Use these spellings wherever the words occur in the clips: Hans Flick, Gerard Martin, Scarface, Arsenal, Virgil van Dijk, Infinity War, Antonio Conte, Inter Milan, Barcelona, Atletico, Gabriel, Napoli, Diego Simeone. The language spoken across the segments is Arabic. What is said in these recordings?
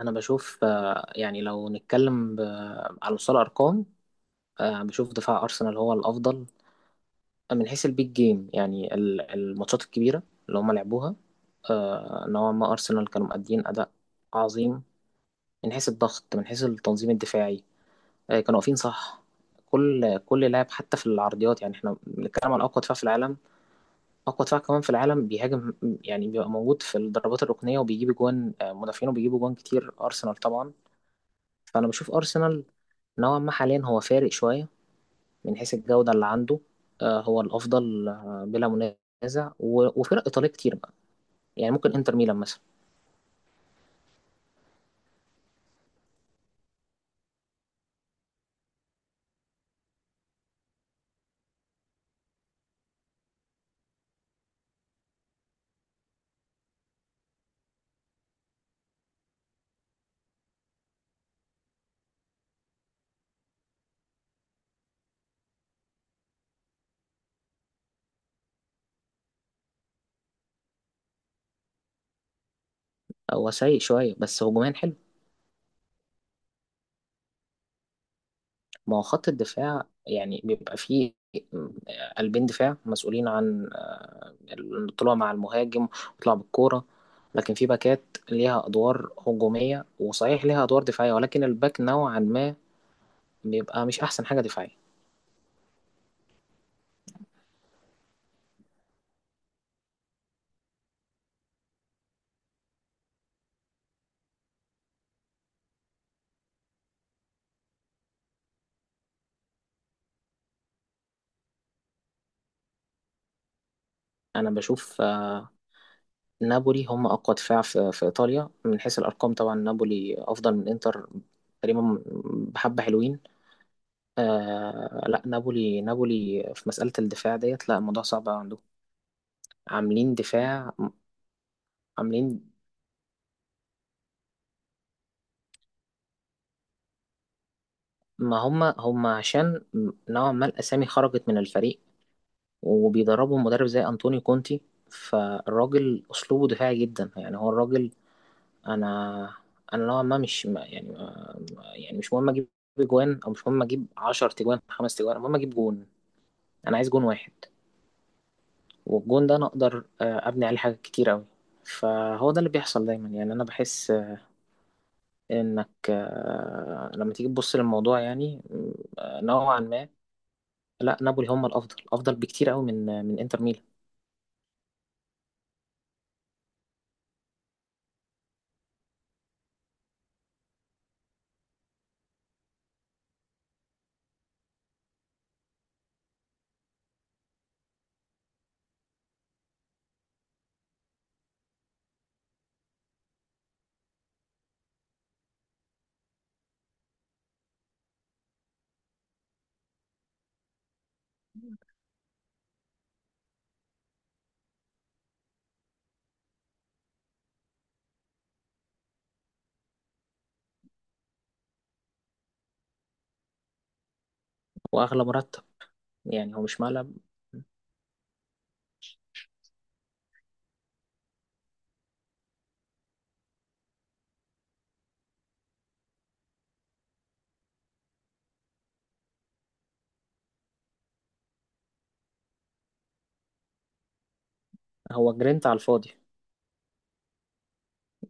انا بشوف يعني لو نتكلم على مستوى الارقام. بشوف دفاع ارسنال هو الافضل من حيث البيج جيم، يعني الماتشات الكبيره اللي هم لعبوها. نوعا ما ارسنال كانوا مؤدين اداء عظيم، من حيث الضغط، من حيث التنظيم الدفاعي. كانوا واقفين صح، كل لاعب حتى في العرضيات. يعني احنا بنتكلم عن اقوى دفاع في العالم. اقوى دفاع كمان في العالم بيهاجم، يعني بيبقى موجود في الضربات الركنيه وبيجيب جوان. مدافعين وبيجيبوا جوان كتير ارسنال طبعا. فأنا بشوف أرسنال نوعا ما حاليا هو فارق شوية من حيث الجودة اللي عنده. هو الأفضل بلا منازع، وفرق إيطالية كتير بقى، يعني ممكن إنتر ميلان مثلا. هو سيء شوية بس هجوميا حلو. ما هو خط الدفاع يعني بيبقى فيه قلبين دفاع مسؤولين عن الطلوع مع المهاجم وطلع بالكورة، لكن في باكات ليها أدوار هجومية، وصحيح ليها أدوار دفاعية، ولكن الباك نوعا ما بيبقى مش أحسن حاجة دفاعية. أنا بشوف نابولي هم أقوى دفاع في إيطاليا من حيث الأرقام. طبعا نابولي أفضل من إنتر تقريبا، بحبة حلوين. لا، نابولي نابولي في مسألة الدفاع ديت، لا، الموضوع صعب أوي عندهم. عاملين دفاع، عاملين. ما هم هم عشان نوعا ما الأسامي خرجت من الفريق، وبيدربهم مدرب زي أنطونيو كونتي، فالراجل أسلوبه دفاعي جدا. يعني هو الراجل، أنا أنا نوعا ما مش يعني، يعني مش مهم اجيب جوان، او مش مهم اجيب 10 تجوان، خمس تجوان، المهم اجيب جون. انا عايز جون واحد، والجون ده انا اقدر ابني عليه حاجات كتير قوي. فهو ده اللي بيحصل دايما. يعني انا بحس انك لما تيجي تبص للموضوع يعني نوعا ما، لا، نابولي هم الافضل، افضل بكتير قوي من من انتر ميلان. واغلى مرتب، يعني هو مش مقلب، هو جرينت على الفاضي.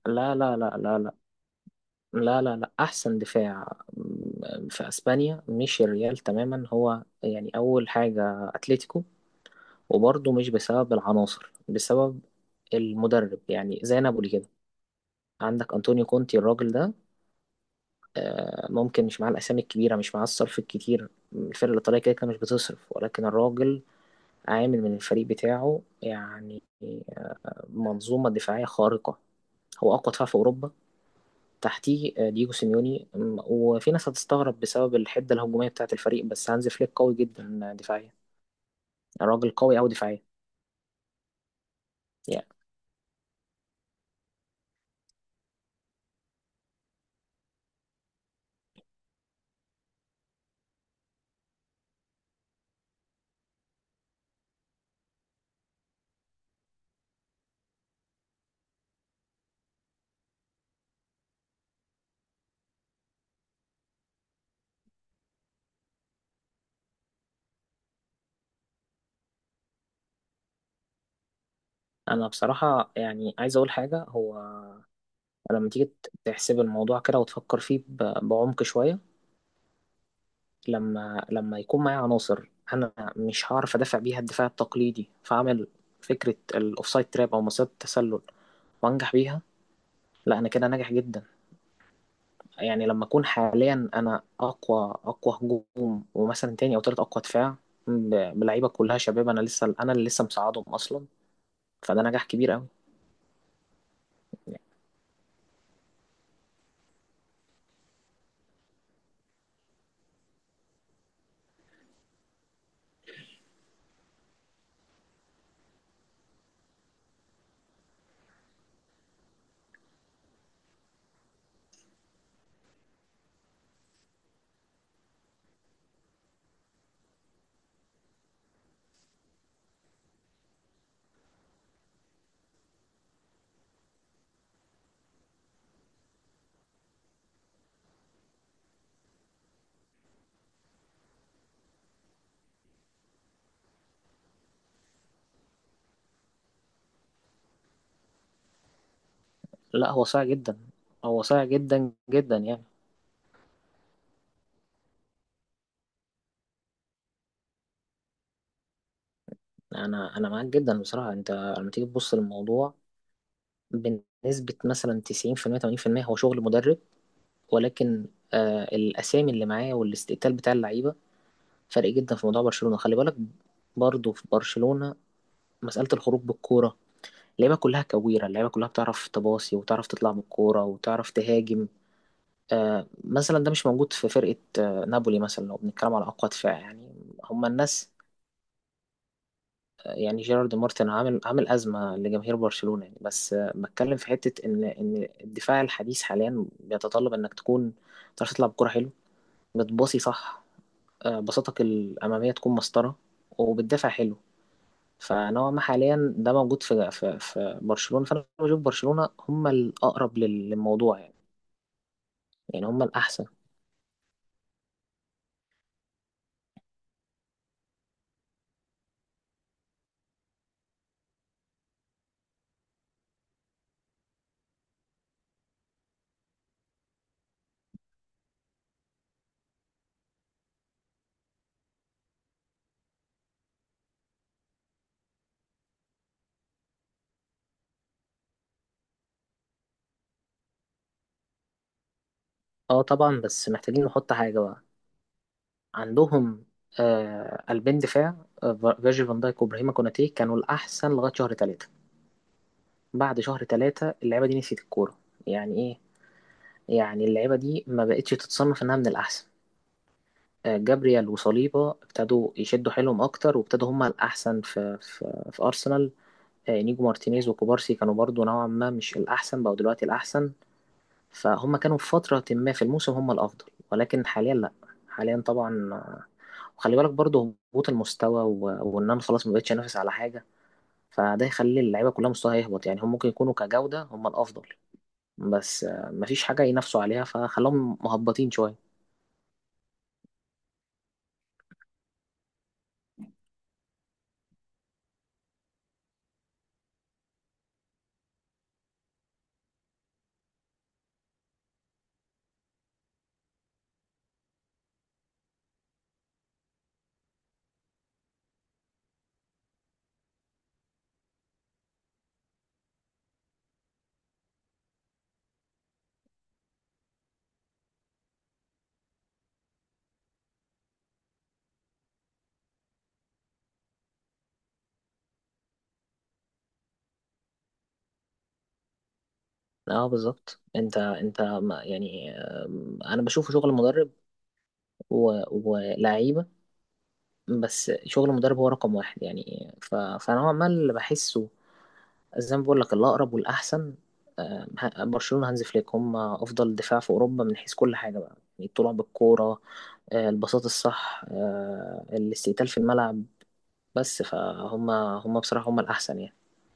لا لا لا لا لا لا لا لا، احسن دفاع في اسبانيا مش الريال تماما. هو يعني اول حاجه اتلتيكو، وبرضه مش بسبب العناصر، بسبب المدرب، يعني زي نابولي كده. عندك انطونيو كونتي الراجل ده ممكن مش معاه الاسامي الكبيره، مش معاه الصرف الكتير، الفرقه الايطاليه كده كده مش بتصرف، ولكن الراجل عامل من الفريق بتاعه يعني منظومه دفاعيه خارقه. هو اقوى دفاع في اوروبا، تحتيه دييجو سيميوني. وفي ناس هتستغرب بسبب الحدة الهجومية بتاعة الفريق، بس هانز فليك قوي جدا دفاعيا، الراجل قوي أوي دفاعيا يعني. أنا بصراحة يعني عايز أقول حاجة، هو لما تيجي تحسب الموضوع كده وتفكر فيه بعمق شوية، لما يكون معايا عناصر أنا مش هعرف أدافع بيها الدفاع التقليدي، فأعمل فكرة الأوفسايد تراب أو مصيدة التسلل وأنجح بيها، لا، أنا كده ناجح جدا. يعني لما اكون حاليا انا اقوى اقوى هجوم، ومثلا تاني او تالت اقوى دفاع، بلعيبه كلها شباب، انا لسه، انا اللي لسه مساعدهم اصلا، فده نجاح كبير قوي. لا، هو صعب جدا، هو صعب جدا جدا يعني. انا معاك جدا بصراحه. انت لما تيجي تبص للموضوع بنسبه مثلا 90% 80% هو شغل مدرب، ولكن الاسامي اللي معاه والاستقتال بتاع اللعيبه فرق جدا في موضوع برشلونه. خلي بالك برضه في برشلونه، مساله الخروج بالكوره، اللعيبه كلها كويره، اللعيبه كلها بتعرف تباصي وتعرف تطلع من الكوره وتعرف تهاجم. مثلا ده مش موجود في فرقه نابولي مثلا، لو بنتكلم على اقوى دفاع يعني. هما الناس يعني جيرارد مارتن عامل ازمه لجماهير برشلونه، يعني بس بتكلم في حته ان الدفاع الحديث حاليا بيتطلب انك تكون تعرف تطلع بكوره حلو، بتباصي صح، بساطتك الاماميه تكون مسطره، وبتدافع حلو. فنوعا ما حاليا ده موجود في برشلونة. فأنا بشوف برشلونة هم الأقرب للموضوع، يعني يعني هم الأحسن. اه طبعا، بس محتاجين نحط حاجة بقى، عندهم قلبين دفاع، فيرجيل فان دايك وابراهيم كوناتي كانوا الأحسن لغاية شهر ثلاثة. بعد شهر ثلاثة اللعيبة دي نسيت الكورة. يعني ايه؟ يعني اللعيبة دي ما بقتش تتصنف انها من الأحسن. جابريال وصليبا ابتدوا يشدوا حيلهم اكتر، وابتدوا هما الاحسن في ارسنال. انيجو مارتينيز وكوبارسي كانوا برضو نوعا ما مش الاحسن، بقوا دلوقتي الاحسن. فهم كانوا في فتره ما في الموسم هم الافضل، ولكن حاليا لا. حاليا طبعا وخلي بالك برضو هبوط المستوى وان انا خلاص ما بقتش انافس على حاجه، فده يخلي اللعيبه كلها مستواها يهبط. يعني هم ممكن يكونوا كجوده هم الافضل، بس مفيش حاجه ينافسوا عليها فخلاهم مهبطين شويه. اه بالظبط، انت يعني انا بشوف شغل مدرب، و- ولعيبه، بس شغل المدرب هو رقم واحد. يعني فانا عمال اللي بحسه زي ما بقول لك الاقرب والاحسن. برشلونه هانز فليك هم افضل دفاع في اوروبا من حيث كل حاجه بقى. يعني الطلوع بالكوره، البساط الصح، الاستقتال في الملعب. بس فهم هم بصراحه هم الاحسن يعني.